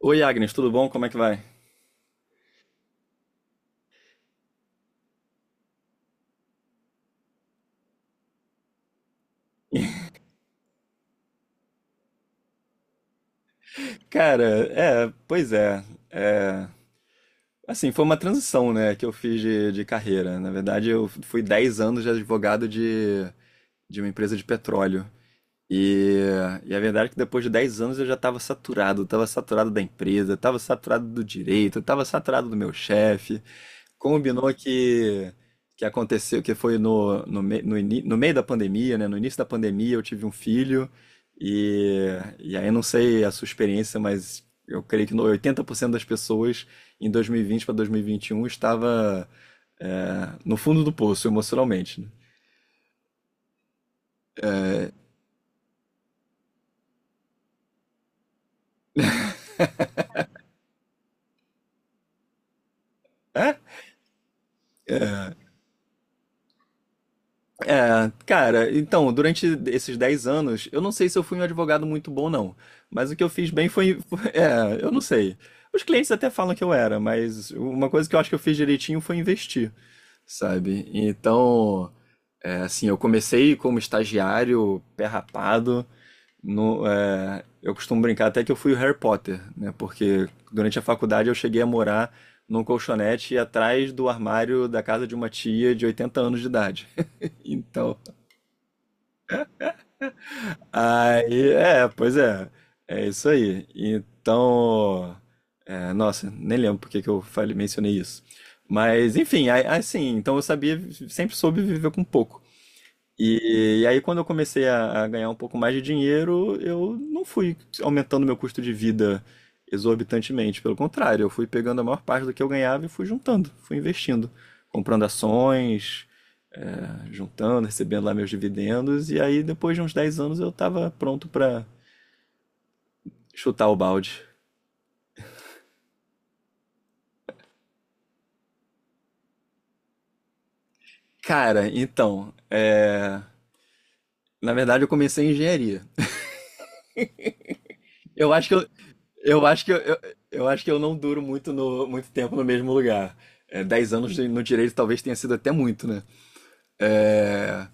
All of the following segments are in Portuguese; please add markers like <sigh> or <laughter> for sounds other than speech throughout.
Oi, Agnes, tudo bom? Como é que vai? Cara, é, pois é, é, assim, foi uma transição, né, que eu fiz de carreira. Na verdade, eu fui 10 anos de advogado de uma empresa de petróleo. E, e a verdade é que depois de 10 anos eu já estava saturado da empresa, estava saturado do direito, estava saturado do meu chefe. Combinou que aconteceu, que foi no meio da pandemia, né? No início da pandemia eu tive um filho e, e aí eu não sei a sua experiência, mas eu creio que 80% das pessoas em 2020 para dois mil e vinte e um estava no fundo do poço emocionalmente, né? É? É, cara, então, durante esses 10 anos, eu não sei se eu fui um advogado muito bom, não. Mas o que eu fiz bem É, eu não sei. Os clientes até falam que eu era, mas uma coisa que eu acho que eu fiz direitinho foi investir, sabe? Então, assim, eu comecei como estagiário, pé rapado. No, é, eu costumo brincar até que eu fui o Harry Potter, né? Porque durante a faculdade eu cheguei a morar num colchonete atrás do armário da casa de uma tia de 80 anos de idade. <laughs> Então. Aí, é, pois é. É isso aí. Então, nossa, nem lembro porque que eu mencionei isso. Mas, enfim, assim, então eu sabia, sempre soube viver com pouco. E aí, quando eu comecei a ganhar um pouco mais de dinheiro, eu não fui aumentando meu custo de vida exorbitantemente. Pelo contrário, eu fui pegando a maior parte do que eu ganhava e fui juntando, fui investindo, comprando ações, juntando, recebendo lá meus dividendos. E aí, depois de uns 10 anos, eu estava pronto para chutar o balde. Cara, então, na verdade, eu comecei em engenharia. Eu acho que eu acho que eu acho que eu não duro muito no muito tempo no mesmo lugar. É, 10 anos no direito talvez tenha sido até muito, né? É,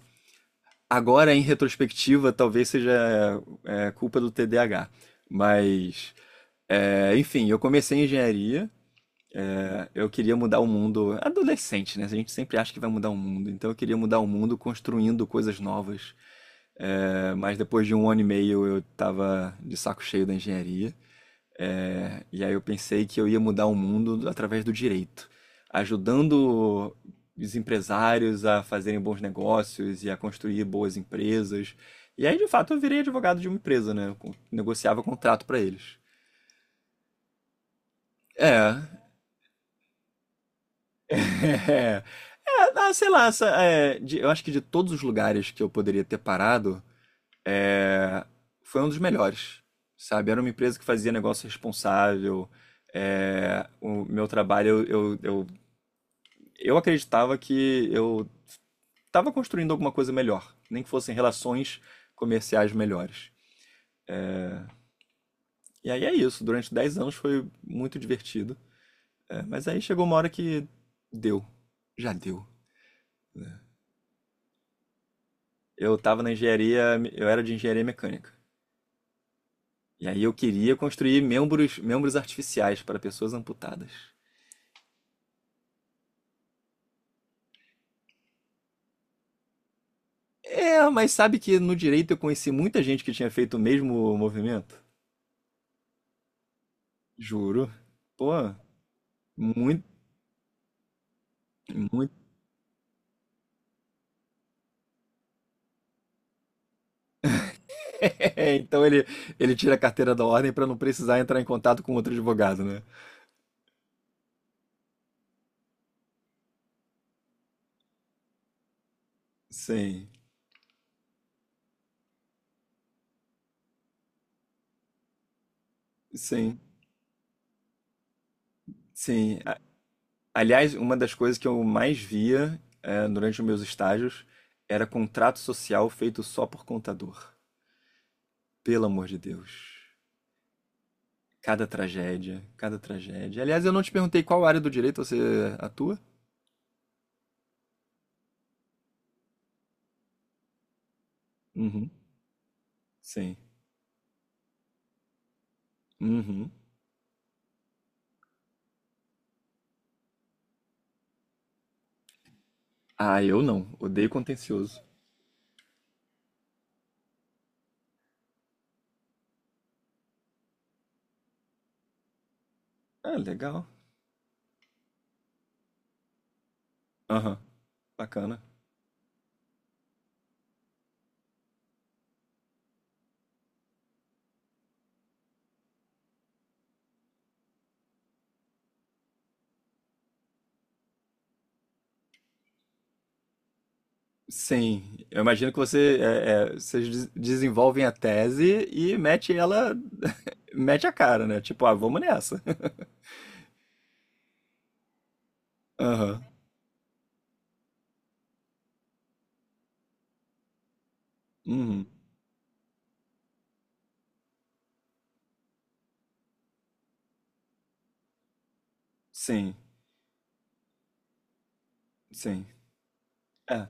agora, em retrospectiva, talvez seja culpa do TDAH. Mas, enfim, eu comecei engenharia. Né? Eu queria mudar o mundo. Adolescente, né? A gente sempre acha que vai mudar o mundo. Então, eu queria mudar o mundo construindo coisas novas. Mas depois de 1 ano e meio eu estava de saco cheio da engenharia. E aí eu pensei que eu ia mudar o mundo através do direito, ajudando os empresários a fazerem bons negócios e a construir boas empresas. E aí, de fato, eu virei advogado de uma empresa, né? Negociava contrato para eles. É. <laughs> É, é, ah, sei lá, essa, é, de- eu acho que de todos os lugares que eu poderia ter parado, é, foi um dos melhores, sabe? Era uma empresa que fazia negócio responsável. O meu trabalho, eu, eu eu acreditava que eu estava construindo alguma coisa melhor, nem que fossem relações comerciais melhores. E aí é isso, durante 10 anos foi muito divertido. Mas aí chegou uma hora que deu, já deu. Eu estava na engenharia, eu era de engenharia mecânica. E aí eu queria construir membros artificiais para pessoas amputadas. É, mas sabe que no direito eu conheci muita gente que tinha feito o mesmo movimento? Juro. Pô, muito. <laughs> Então ele tira a carteira da ordem para não precisar entrar em contato com outro advogado, né? Sim, sim, sim. A- Aliás, uma das coisas que eu mais via, durante os meus estágios era contrato social feito só por contador. Pelo amor de Deus. Cada tragédia, cada tragédia. Aliás, eu não te perguntei qual área do direito você atua? Uhum. Sim. Uhum. Ah, eu não. Odeio contencioso. Ah, legal. Aham. Bacana. Sim, eu imagino que vocês desenvolvem a tese e mete ela, <laughs> mete a cara, né? Tipo, ah, vamos nessa. Aham. Uhum. Sim, sim. É.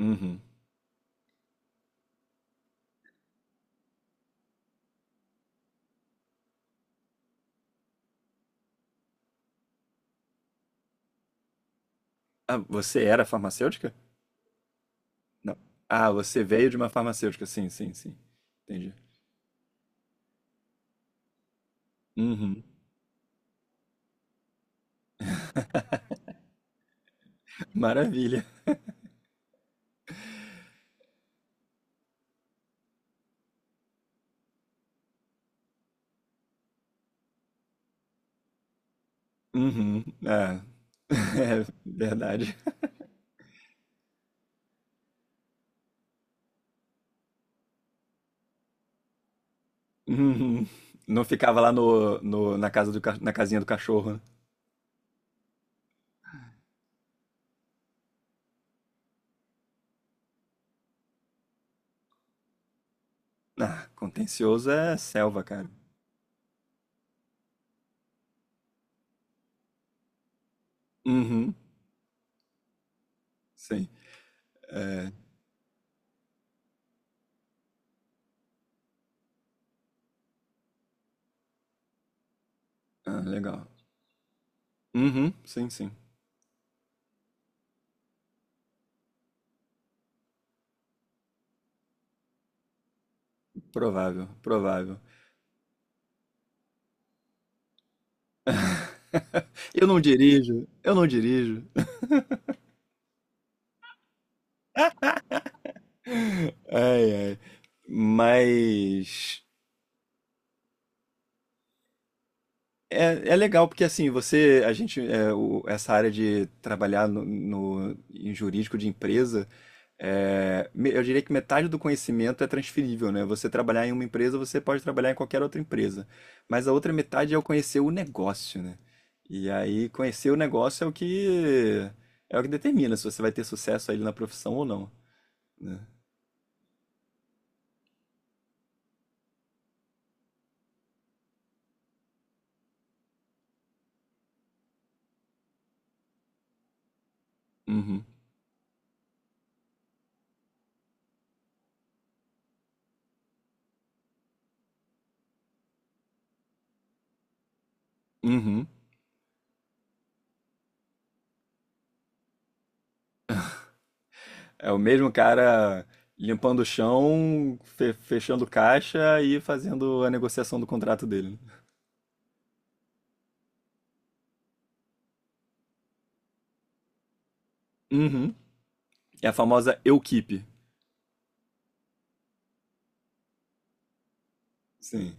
Uhum. Ah, você era farmacêutica? Não. Ah, você veio de uma farmacêutica. Sim, sim, sim. Entendi. Uhum. Maravilha. Uhum. É. <laughs> É verdade. Uhum. Não ficava lá na casa na casinha do cachorro, né? Ah, contencioso é selva, cara. Uhum, sim. É, ah, legal. Uhum, sim, sim. Provável, provável. <laughs> Eu não dirijo, eu não dirijo. Ai, ai. Mas é, é legal porque assim, você, a gente, é, o- essa área de trabalhar em jurídico de empresa, eu diria que metade do conhecimento é transferível, né? Você trabalhar em uma empresa, você pode trabalhar em qualquer outra empresa, mas a outra metade é o conhecer o negócio, né? E aí conhecer o negócio é o que determina se você vai ter sucesso ali na profissão ou não, né? Uhum. Uhum. É o mesmo cara limpando o chão, fechando caixa e fazendo a negociação do contrato dele. Né? Uhum. É a famosa eu. Sim,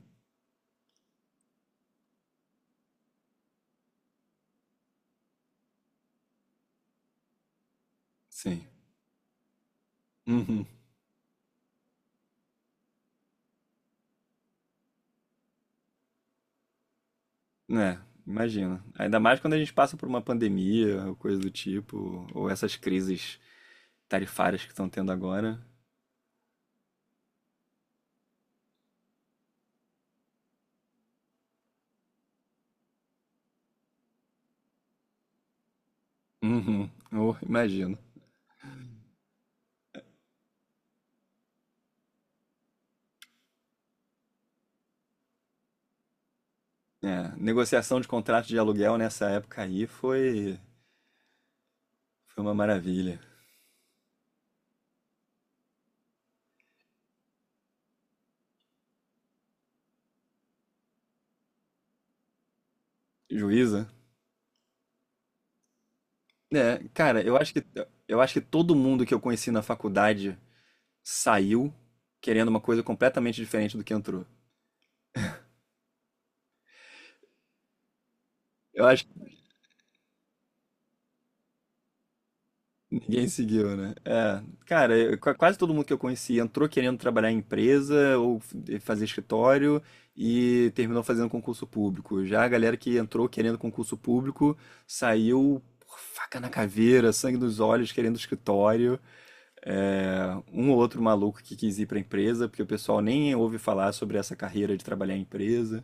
sim. Uhum. É, imagina. Ainda mais quando a gente passa por uma pandemia ou coisa do tipo, ou essas crises tarifárias que estão tendo agora. Uhum. Oh, imagino. É, negociação de contrato de aluguel nessa época aí foi uma maravilha. Juíza? É, cara, eu acho que todo mundo que eu conheci na faculdade saiu querendo uma coisa completamente diferente do que entrou. Eu acho que ninguém seguiu, né? É, cara, quase todo mundo que eu conheci entrou querendo trabalhar em empresa ou fazer escritório e terminou fazendo concurso público. Já a galera que entrou querendo concurso público saiu por faca na caveira, sangue nos olhos, querendo escritório. É, um ou outro maluco que quis ir para empresa, porque o pessoal nem ouve falar sobre essa carreira de trabalhar em empresa.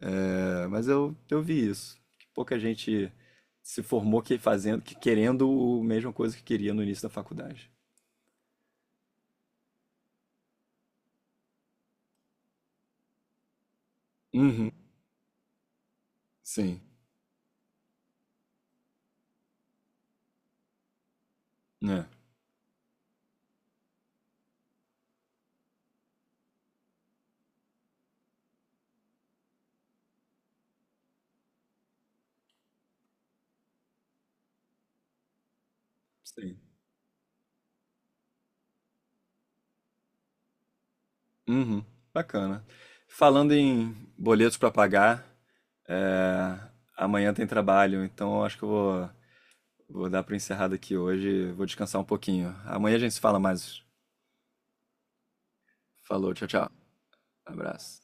É, mas eu vi isso. que Pouca gente se formou que fazendo, que querendo a mesma coisa que queria no início da faculdade. Uhum. Sim. É. Sim. Uhum. Bacana. Falando em boletos para pagar, é, amanhã tem trabalho, então eu acho que vou dar para encerrado aqui hoje. Vou descansar um pouquinho. Amanhã a gente se fala mais. Falou, tchau, tchau. Abraço.